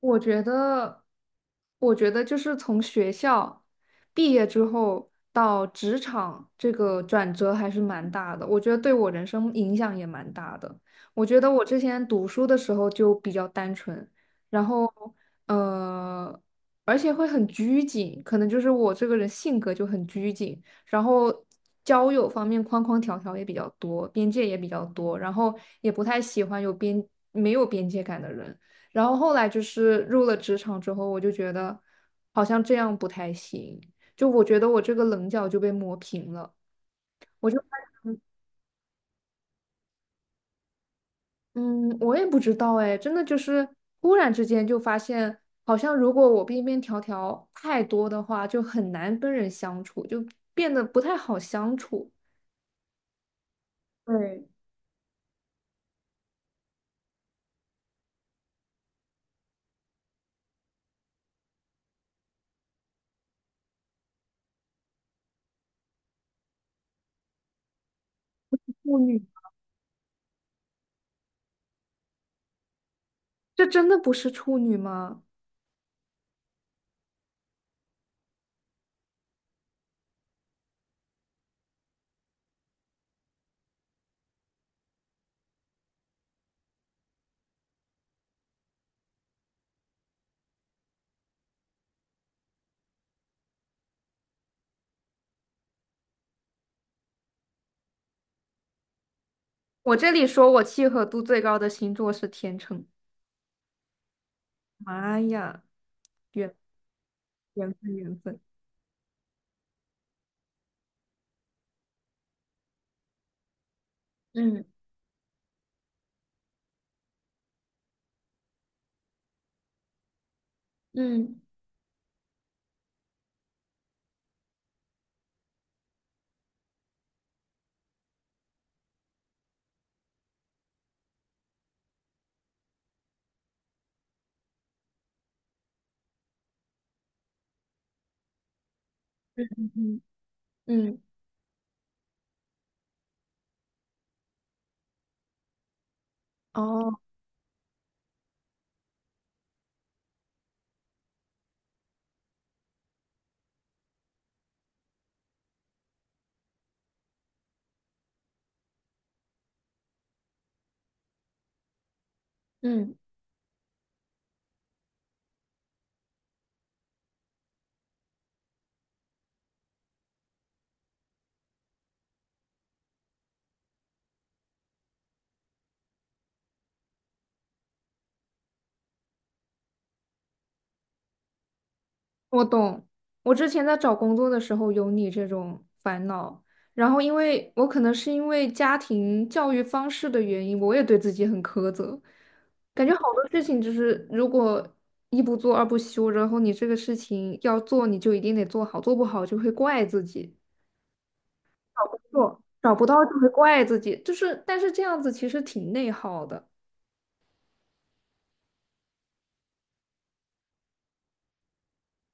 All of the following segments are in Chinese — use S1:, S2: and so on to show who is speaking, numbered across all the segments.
S1: 我觉得，我觉得就是从学校毕业之后到职场，这个转折还是蛮大的。我觉得对我人生影响也蛮大的。我觉得我之前读书的时候就比较单纯，然后呃，而且会很拘谨，可能就是我这个人性格就很拘谨，然后交友方面框框条条也比较多，边界也比较多，然后也不太喜欢没有边界感的人。然后后来就是入了职场之后，我就觉得好像这样不太行，就我觉得我这个棱角就被磨平了。嗯，我也不知道哎，真的就是忽然之间就发现，好像如果我边边条条太多的话，就很难跟人相处，就变得不太好相处。对，处女，这真的不是处女吗？我这里说我契合度最高的星座是天秤。妈呀，缘缘分缘分。嗯嗯嗯嗯。哦，嗯，我懂。我之前在找工作的时候有你这种烦恼，然后因为我可能是因为家庭教育方式的原因，我也对自己很苛责，感觉好多事情就是如果一不做二不休，然后你这个事情要做，你就一定得做好，做不好就会怪自己，找工作找不到就会怪自己，就是但是这样子其实挺内耗的。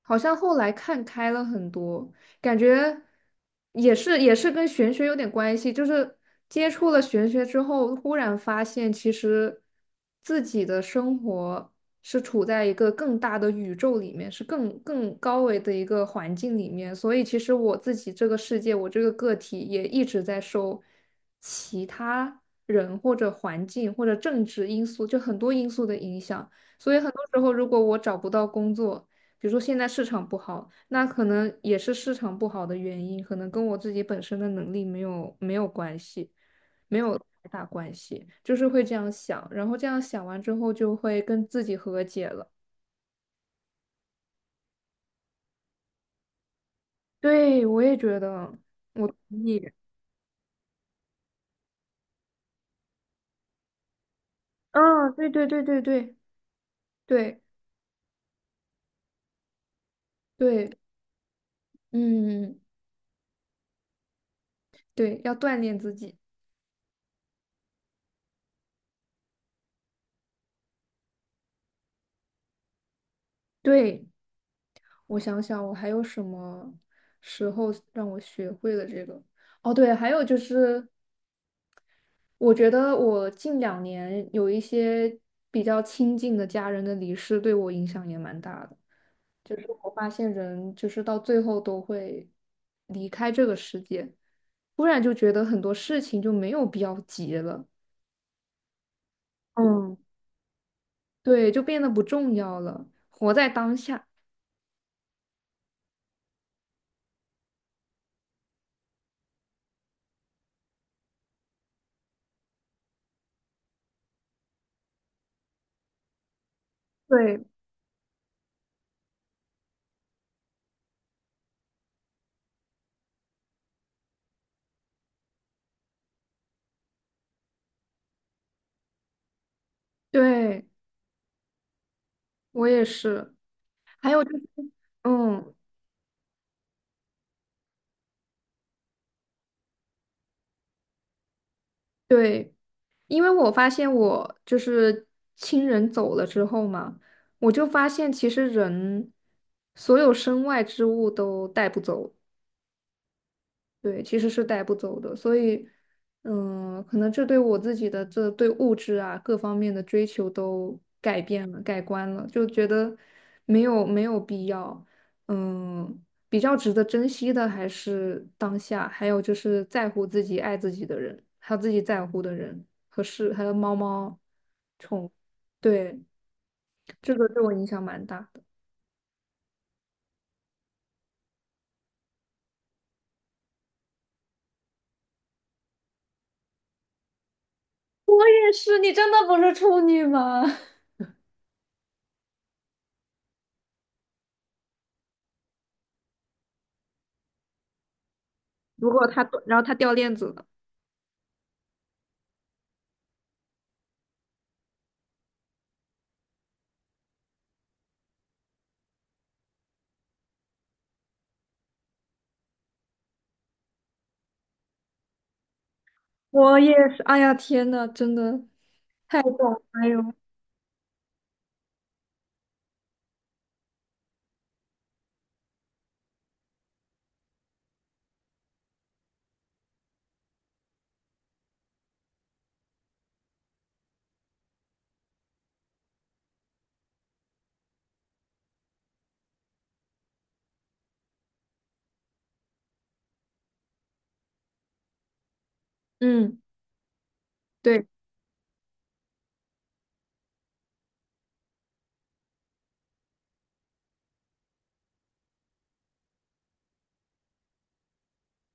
S1: 好像后来看开了很多，感觉也是跟玄学有点关系，就是接触了玄学之后，忽然发现其实自己的生活是处在一个更大的宇宙里面，是更高维的一个环境里面，所以其实我自己这个世界，我这个个体也一直在受其他人或者环境或者政治因素，就很多因素的影响，所以很多时候如果我找不到工作。比如说现在市场不好，那可能也是市场不好的原因，可能跟我自己本身的能力没有关系，没有太大关系，就是会这样想，然后这样想完之后就会跟自己和解了。对，我也觉得，我同意。嗯，对对对对对对对，嗯，对，要锻炼自己。对，我想想，我还有什么时候让我学会了这个？哦，对，还有就是我觉得我近两年有一些比较亲近的家人的离世，对我影响也蛮大的。就是我发现人就是到最后都会离开这个世界，突然就觉得很多事情就没有必要急了，嗯，对，就变得不重要了，活在当下。对，对，我也是。还有就是，嗯，对。因为我发现我就是亲人走了之后嘛，我就发现其实人所有身外之物都带不走，对，其实是带不走的。所以，嗯，可能这对我自己的这对物质啊各方面的追求都改变了、改观了，就觉得没有必要，嗯，比较值得珍惜的还是当下，还有就是在乎自己、爱自己的人，还有自己在乎的人和事，还有猫猫。对，这个对我影响蛮大的。也是，你真的不是处女吗？如果他，然后他掉链子了，我也是。哎呀，天呐，真的太懂了，哎呦，嗯，对，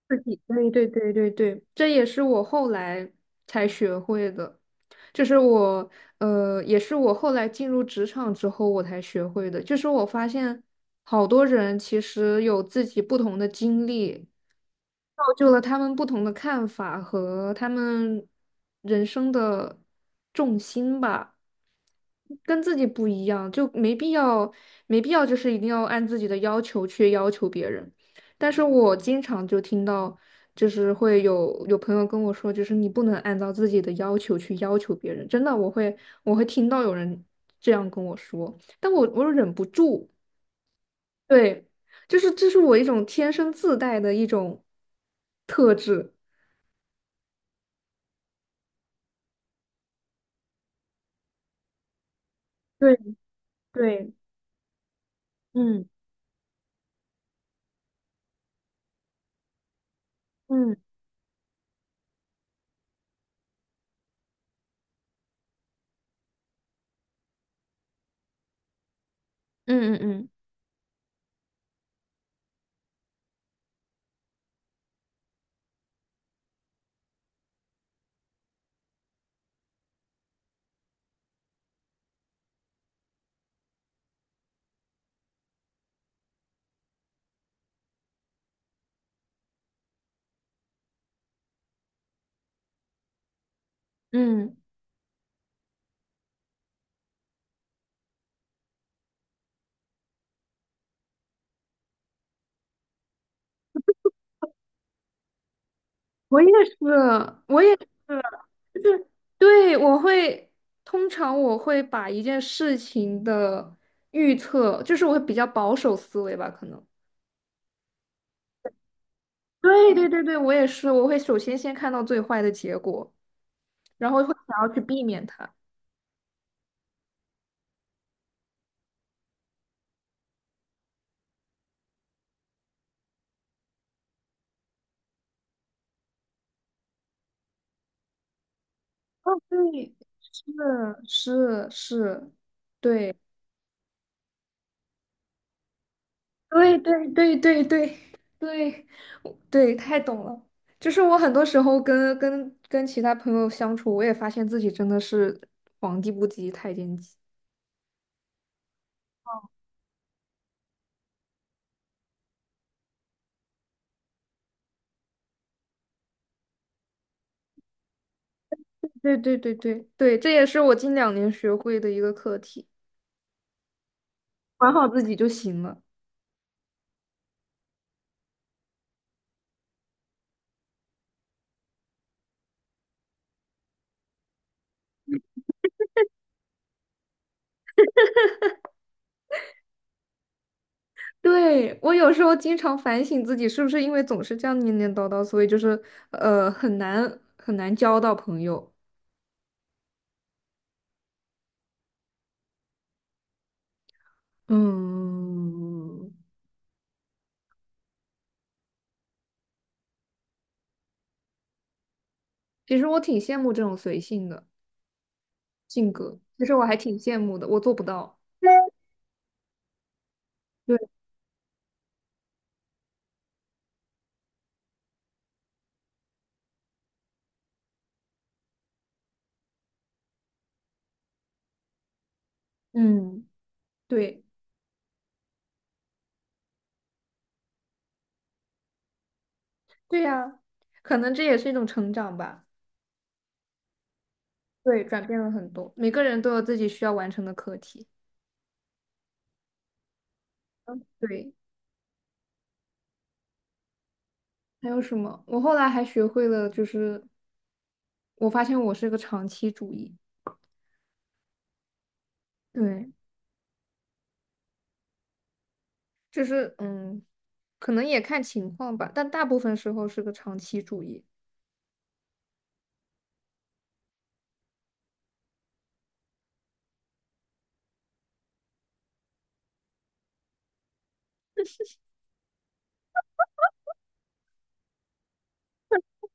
S1: 自己，对对对对对，这也是我后来才学会的，就是我，也是我后来进入职场之后我才学会的，就是我发现好多人其实有自己不同的经历，就了他们不同的看法和他们人生的重心吧，跟自己不一样，就没必要，没必要就是一定要按自己的要求去要求别人。但是我经常就听到，就是会有朋友跟我说，就是你不能按照自己的要求去要求别人。真的，我会听到有人这样跟我说，但我又忍不住，对，就是这是我一种天生自带的一种特质。对。对，嗯嗯嗯嗯嗯嗯，我也是，我也是，就是对，通常我会把一件事情的预测，就是我会比较保守思维吧，可能。对对对对，我也是，我会首先先看到最坏的结果，然后会想要去避免它。哦，对，是是是，对对对对对对，我对，太懂了。就是我很多时候跟其他朋友相处，我也发现自己真的是皇帝不急太监急。对对对对对，这也是我近两年学会的一个课题，管好自己就行了。对，我有时候经常反省自己，是不是因为总是这样念念叨叨，所以就是很难很难交到朋友。嗯，其实我挺羡慕这种随性的。性格。其实我还挺羡慕的，我做不到。对，嗯，对，对呀，可能这也是一种成长吧。对，转变了很多，每个人都有自己需要完成的课题。对，还有什么？我后来还学会了，就是我发现我是个长期主义。对，就是嗯，可能也看情况吧，但大部分时候是个长期主义。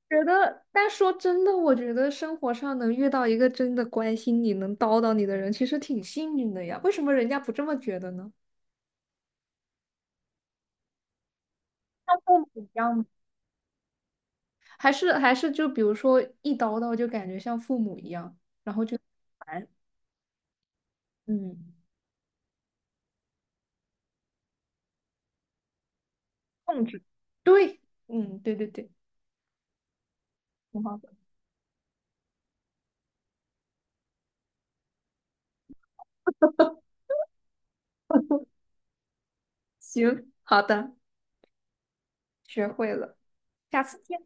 S1: 觉得，但说真的，我觉得生活上能遇到一个真的关心你、能叨叨你的人，其实挺幸运的呀。为什么人家不这么觉得呢？像父母一样吗，还是就比如说一叨叨就感觉像父母一样，然后就烦，嗯，控制。对，嗯，对对对，挺好的。行，好的，学会了，下次见。